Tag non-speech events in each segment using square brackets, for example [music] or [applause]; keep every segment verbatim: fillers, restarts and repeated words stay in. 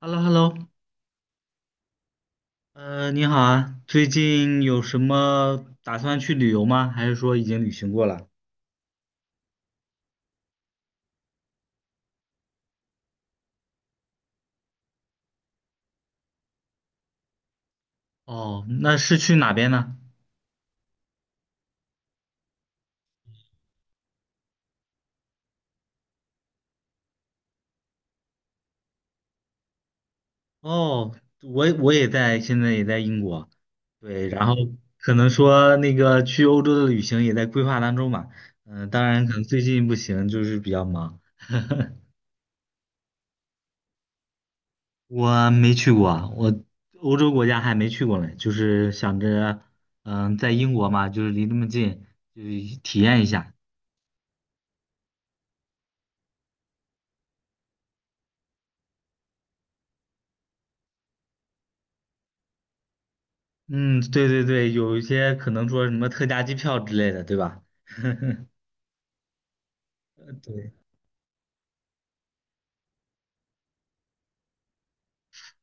h e l l o h e l l o 呃，你好啊，最近有什么打算去旅游吗？还是说已经旅行过了？哦，那是去哪边呢？哦，我也我也在，现在也在英国，对，然后可能说那个去欧洲的旅行也在规划当中吧。嗯、当然可能最近不行，就是比较忙。我没去过啊，我欧洲国家还没去过呢，就是想着，嗯、在英国嘛，就是离那么近，就是体验一下。嗯，对对对，有一些可能说什么特价机票之类的，对吧？[laughs] 对，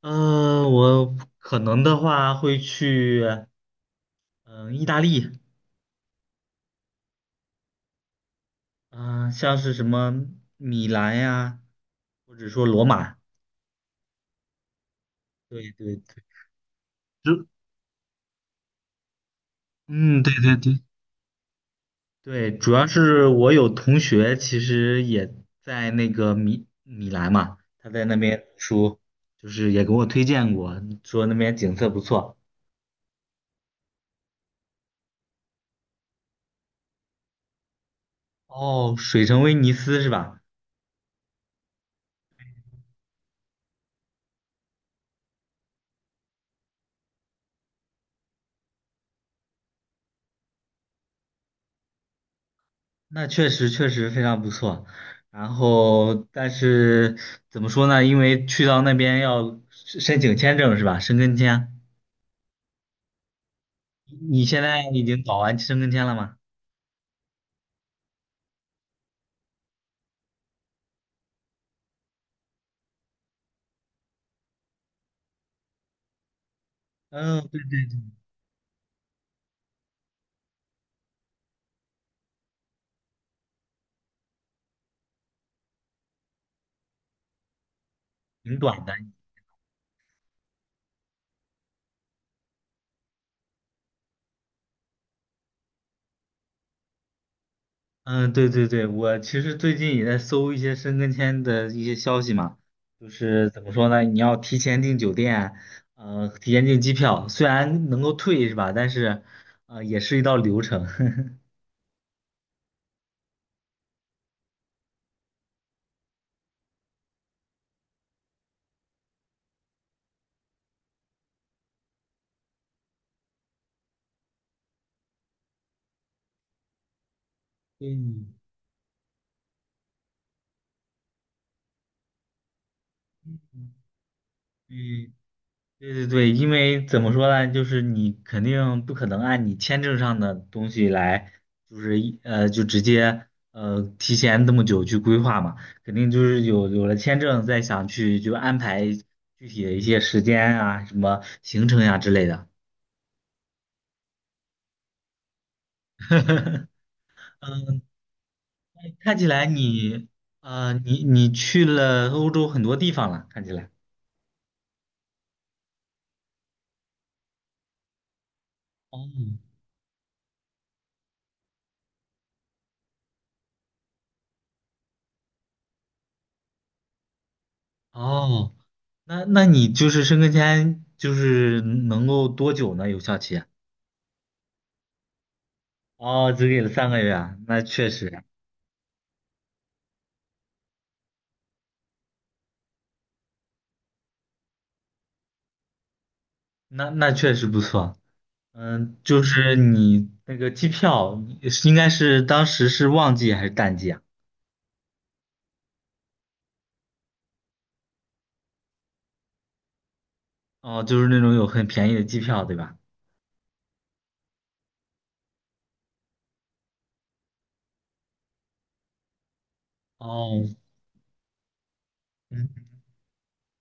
呃，我可能的话会去，嗯、意大利，嗯、像是什么米兰呀，或者说罗马，对对对，主，嗯，对对对对，主要是我有同学其实也在那个米米兰嘛，他在那边读书就是也给我推荐过，说那边景色不错。哦，水城威尼斯是吧？那确实确实非常不错，然后但是怎么说呢？因为去到那边要申申请签证是吧？申根签，你现在已经搞完申根签了吗？嗯，对挺短的。嗯，对对对，我其实最近也在搜一些申根签的一些消息嘛，就是怎么说呢？你要提前订酒店，呃，提前订机票，虽然能够退是吧？但是，呃，也是一道流程。[laughs] 嗯嗯。对对对，因为怎么说呢，就是你肯定不可能按你签证上的东西来，就是一呃就直接呃提前这么久去规划嘛，肯定就是有有了签证再想去就安排具体的一些时间啊、什么行程呀、之类的。[laughs] 嗯，看起来你呃你你去了欧洲很多地方了，看起来。哦哦，那那你就是申根签就是能够多久呢？有效期啊？哦，只给了三个月啊，那确实，那那确实不错。嗯，就是你那个机票是应该是当时是旺季还是淡季啊？哦，就是那种有很便宜的机票，对吧？哦，嗯，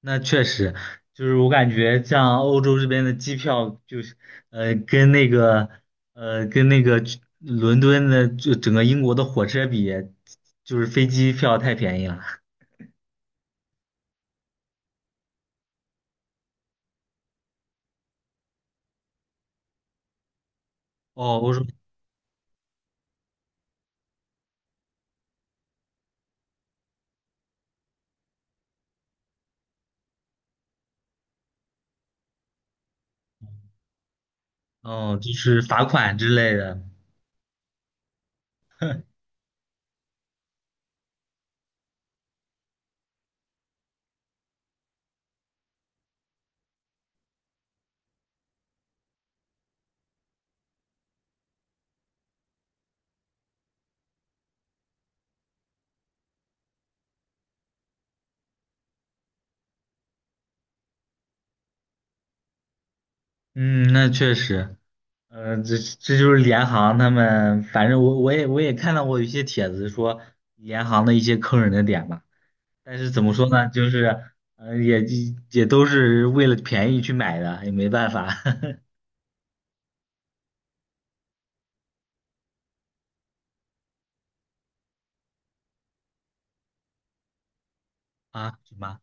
那确实，就是我感觉像欧洲这边的机票，就是呃，跟那个呃，跟那个去伦敦的就整个英国的火车比，就是飞机票太便宜了。哦，我说，哦，就是罚款之类的。嗯，那确实，嗯，这这就是联行他们，反正我我也我也看到过一些帖子说联行的一些坑人的点吧，但是怎么说呢，就是嗯，也也都是为了便宜去买的，也没办法 [laughs] 啊，什么？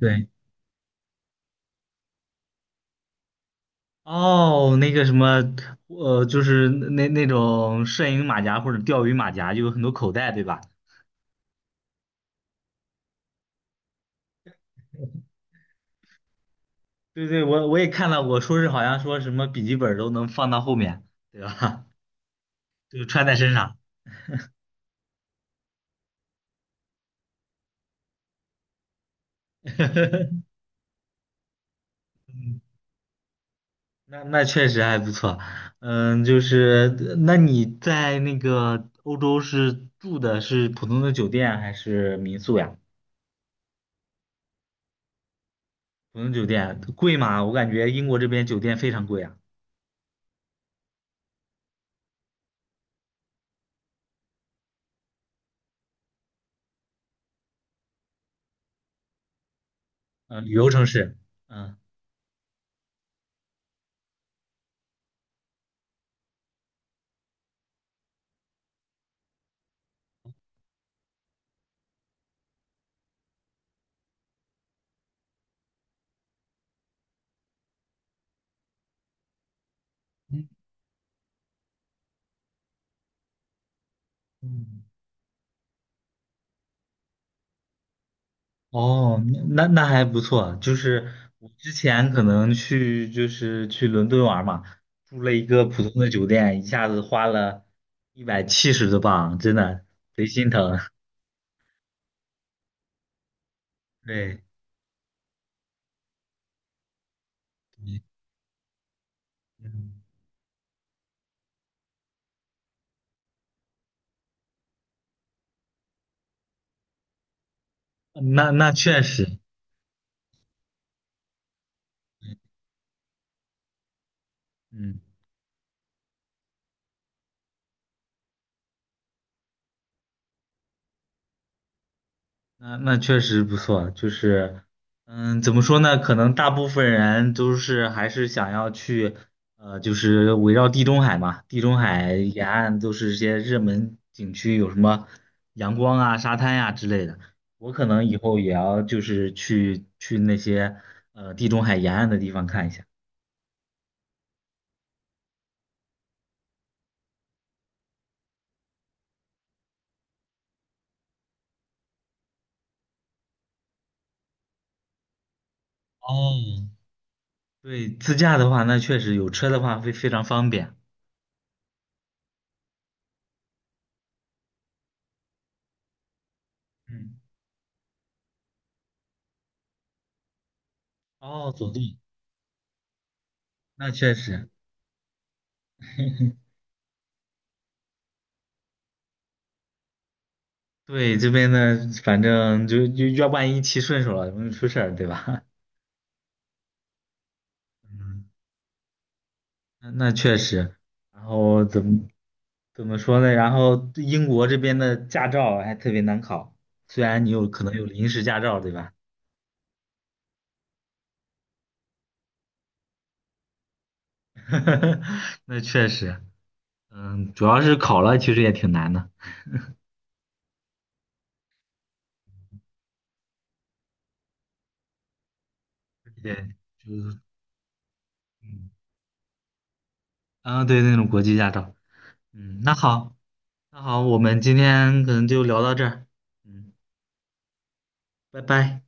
对，哦，那个什么，呃，就是那那种摄影马甲或者钓鱼马甲，就有很多口袋，对吧？对对，我我也看到过，说是好像说什么笔记本都能放到后面，对吧？[laughs] 就穿在身上。[laughs] 那那确实还不错，嗯，就是那你在那个欧洲是住的是普通的酒店还是民宿呀？普通酒店贵吗？我感觉英国这边酒店非常贵啊。嗯，旅游城市，嗯嗯，哦，那那还不错。就是我之前可能去就是去伦敦玩嘛，住了一个普通的酒店，一下子花了一百七十多镑，真的贼心疼。[laughs] 对，嗯那那确实，嗯那那确实不错。就是，嗯，怎么说呢？可能大部分人都是还是想要去，呃，就是围绕地中海嘛，地中海沿岸都是一些热门景区，有什么阳光啊、沙滩呀、之类的。我可能以后也要就是去去那些呃地中海沿岸的地方看一下。哦，对，自驾的话，那确实有车的话会非常方便。嗯，哦，走路，那确实。[laughs] 对，这边呢，反正就就要万一骑顺手了，容易出事儿，对吧？[laughs] 嗯，那那确实。然后怎么怎么说呢？然后英国这边的驾照还特别难考，虽然你有可能有临时驾照，对吧？[laughs] 那确实，嗯，主要是考了，其实也挺难的。对，就是嗯，啊，对，那种国际驾照。嗯，那好，那好，我们今天可能就聊到这儿。嗯，拜拜。